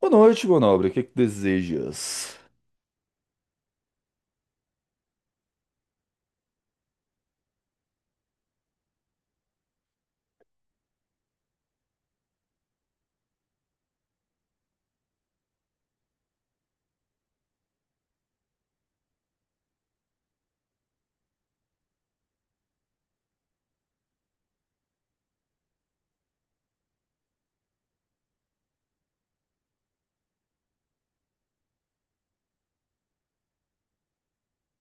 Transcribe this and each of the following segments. Boa noite, meu nobre. O que é que desejas?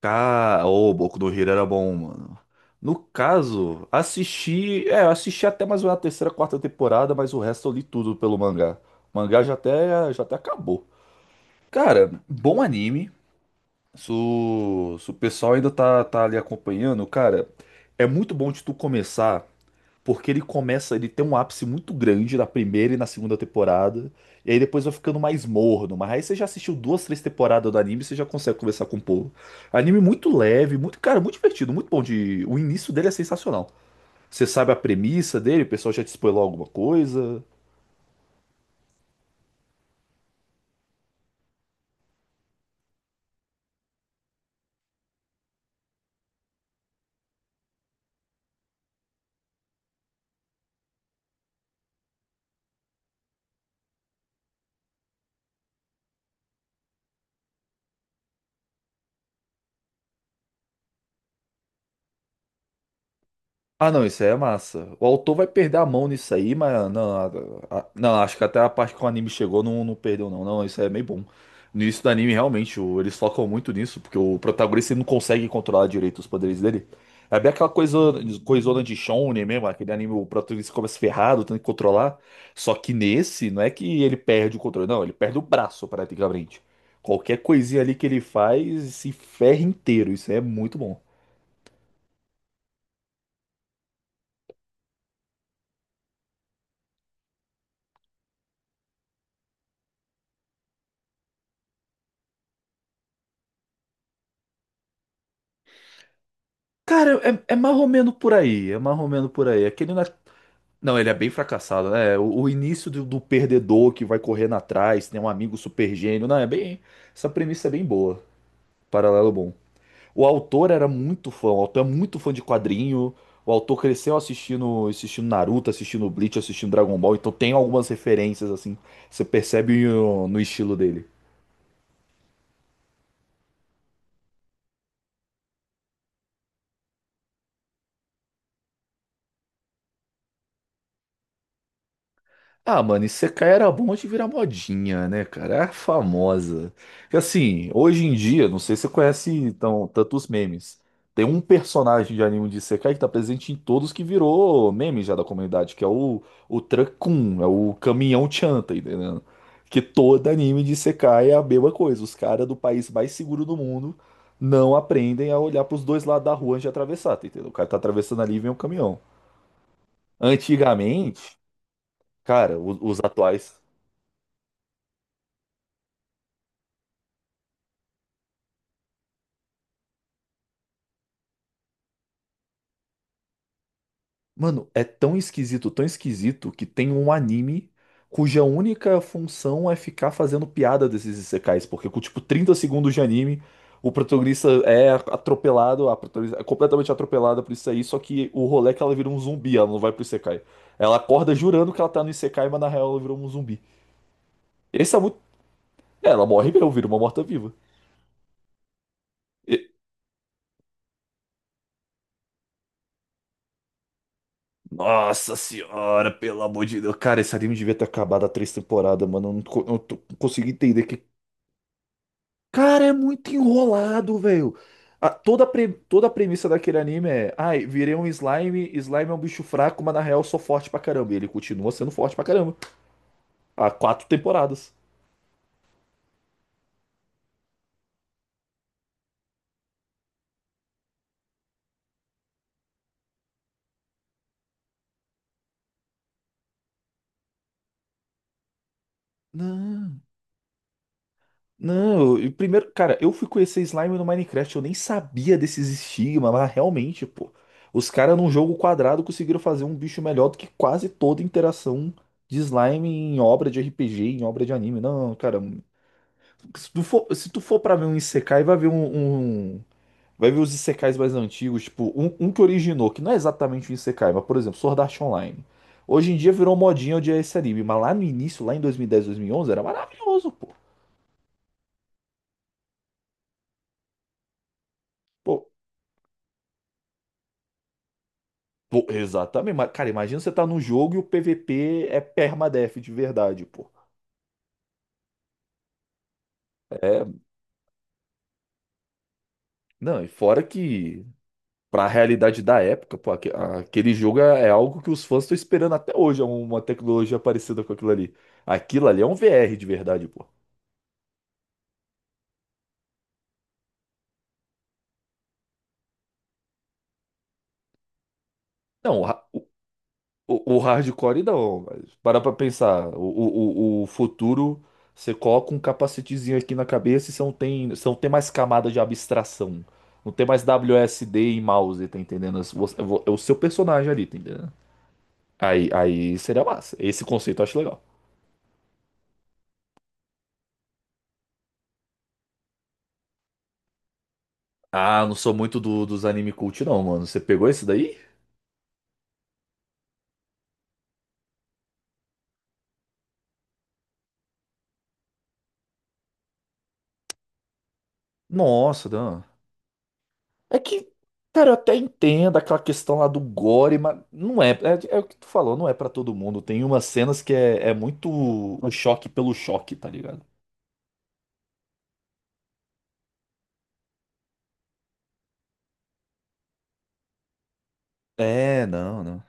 Ô, Boku no Hero era bom, mano. No caso, assisti. É, eu assisti até mais ou menos a terceira, quarta temporada, mas o resto eu li tudo pelo mangá. O mangá já até acabou. Cara, bom anime. Se o pessoal ainda tá ali acompanhando, cara, é muito bom de tu começar. Porque ele começa, ele tem um ápice muito grande na primeira e na segunda temporada, e aí depois vai ficando mais morno. Mas aí você já assistiu duas, três temporadas do anime, você já consegue conversar com o povo. Anime muito leve, muito, cara, muito divertido, muito bom de, o início dele é sensacional. Você sabe a premissa dele, o pessoal já te spoilou alguma coisa. Ah, não, isso aí é massa. O autor vai perder a mão nisso aí, mas não, não, acho que até a parte que o anime chegou não, não perdeu, não. Não, isso aí é meio bom. No início do anime, realmente, eles focam muito nisso, porque o protagonista ele não consegue controlar direito os poderes dele. É bem aquela coisa, coisona de Shonen mesmo, aquele anime, o protagonista começa ferrado, tendo que controlar. Só que nesse, não é que ele perde o controle, não, ele perde o braço praticamente. Qualquer coisinha ali que ele faz, se ferra inteiro. Isso aí é muito bom. Cara, é marromeno por aí, é marromeno por aí. Não, ele é bem fracassado, né? O início do perdedor que vai correndo atrás, tem um amigo super gênio. Não, é bem. Essa premissa é bem boa. Paralelo bom. O autor era muito fã, o autor é muito fã de quadrinho. O autor cresceu assistindo Naruto, assistindo Bleach, assistindo Dragon Ball, então tem algumas referências, assim, você percebe no estilo dele. Ah, mano, Isekai era bom de virar modinha, né, cara? Era famosa. Porque, assim, hoje em dia, não sei se você conhece então tantos memes. Tem um personagem de anime de Isekai que tá presente em todos que virou meme já da comunidade, que é o Kun, é o caminhão Chan, tá entendendo? Que todo anime de Isekai é a mesma coisa. Os caras do país mais seguro do mundo não aprendem a olhar pros dois lados da rua antes de atravessar, tá entendendo? O cara tá atravessando ali e vem um caminhão. Antigamente, cara, os atuais. Mano, é tão esquisito, que tem um anime cuja única função é ficar fazendo piada desses isekais, porque com tipo 30 segundos de anime, o protagonista é atropelado, a protagonista é completamente atropelada por isso aí, só que o rolê é que ela vira um zumbi, ela não vai pro isekai. Ela acorda jurando que ela tá no isekai, mas na real ela virou um zumbi. Esse é muito... É, ela morre mesmo, vira uma morta-viva. E- Nossa senhora, pelo amor de Deus. Cara, esse anime devia ter acabado há três temporadas, mano. Eu não, co- eu não tô- Não consigo entender o que. Cara, é muito enrolado, velho. Toda a premissa daquele anime é, ai, virei um slime, slime é um bicho fraco, mas na real eu sou forte pra caramba. E ele continua sendo forte pra caramba. Há quatro temporadas. Não, não. E primeiro, cara, eu fui conhecer slime no Minecraft, eu nem sabia desses estigmas, mas realmente, pô. Os caras num jogo quadrado conseguiram fazer um bicho melhor do que quase toda interação de slime em obra de RPG, em obra de anime. Não, cara, se tu for, pra ver um Isekai, vai ver um- vai ver os Isekais mais antigos, tipo, um que originou, que não é exatamente um Isekai, mas, por exemplo, Sword Art Online. Hoje em dia virou modinha odiar esse anime, mas lá no início, lá em 2010, 2011, era maravilhoso, pô. Pô, pô, exatamente. Mas, cara, imagina você tá num jogo e o PVP é permadeath de verdade, pô. É, não, e fora que pra realidade da época, pô, aquele jogo é algo que os fãs estão esperando até hoje, é uma tecnologia parecida com aquilo ali. Aquilo ali é um VR de verdade, pô. Não, o, ra- o hardcore não, mas para pra pensar, o futuro, você coloca um capacetezinho aqui na cabeça e você não tem mais camada de abstração. Não tem mais WSD e mouse, tá entendendo? É o seu personagem ali, tá entendendo? Aí seria massa. Esse conceito eu acho legal. Ah, eu não sou muito dos anime cult, não, mano. Você pegou esse daí? Nossa, Dan. É que, cara, eu até entendo aquela questão lá do gore, mas não é. É o que tu falou, não é pra todo mundo. Tem umas cenas que é muito o choque pelo choque, tá ligado? É, não, não.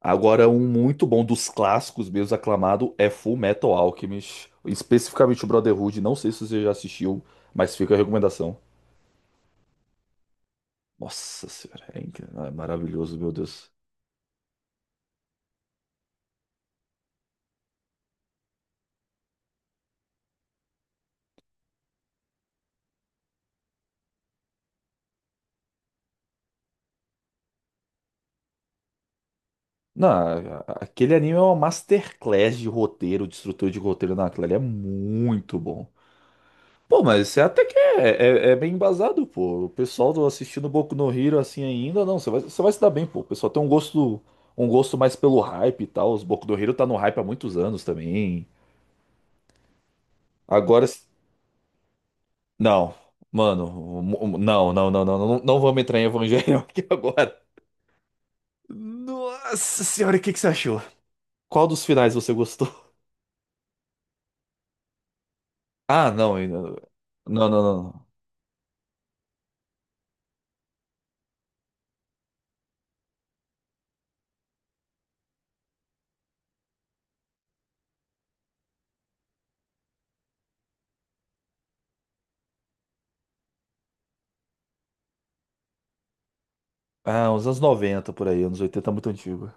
Agora, um muito bom dos clássicos meus aclamado é Full Metal Alchemist. Especificamente o Brotherhood. Não sei se você já assistiu, mas fica a recomendação. Nossa senhora, é incrível, é maravilhoso, meu Deus. Não, aquele anime é uma masterclass de roteiro, de estrutura de roteiro naquela ele é muito bom. Pô, mas você até que é bem embasado, pô. O pessoal do assistindo Boku no Hero assim ainda, não, você vai se dar bem, pô. O pessoal tem um gosto mais pelo hype e tal. Os Boku no Hero tá no hype há muitos anos também. Agora, não, mano, não, não, não, não, não, não vamos entrar em Evangelho aqui agora. Nossa senhora, o que que você achou? Qual dos finais você gostou? Ah, não, não, não, não. Ah, uns anos 90 por aí, anos 80 é muito antigo.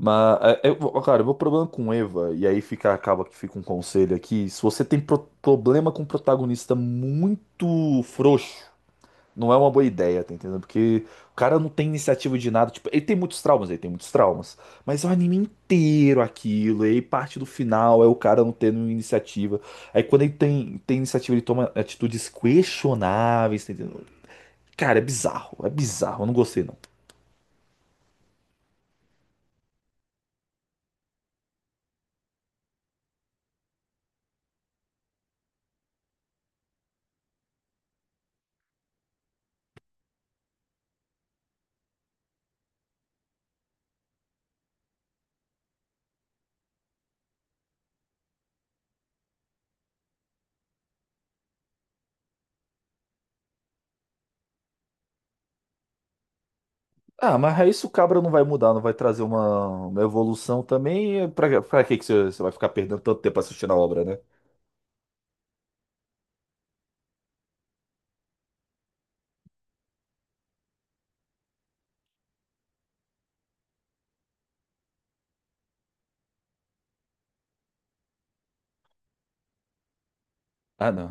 Mas, é, é, ó, cara, o meu problema com Eva, e aí fica, acaba que fica um conselho aqui: se você tem problema com um protagonista muito frouxo, não é uma boa ideia, tá entendendo? Porque o cara não tem iniciativa de nada. Tipo, ele tem muitos traumas, ele tem muitos traumas. Mas é o anime inteiro aquilo, e aí parte do final é o cara não tendo iniciativa. Aí quando ele tem iniciativa, ele toma atitudes questionáveis, tá entendendo? Cara, é bizarro, eu não gostei não. Ah, mas aí isso o cabra não vai mudar, não vai trazer uma evolução também. Pra que que você vai ficar perdendo tanto tempo assistindo a obra, né? Ah, não.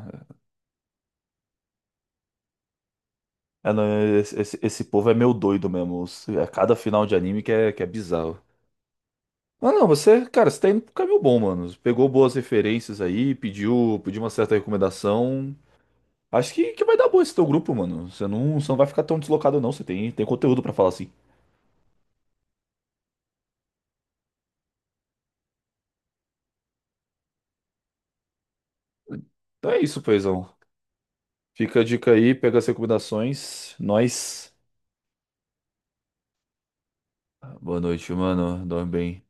Ah, não, esse povo é meio doido mesmo. É cada final de anime que é bizarro. Mas não, você, cara, você tá indo pro caminho bom, mano. Pegou boas referências aí, pediu uma certa recomendação. Acho que vai dar bom esse teu grupo, mano. Você não vai ficar tão deslocado, não. Você tem conteúdo pra falar assim. Então é isso, Feizão. Fica a dica aí, pega as recomendações. Nós. Ah, boa noite, mano. Dorme bem.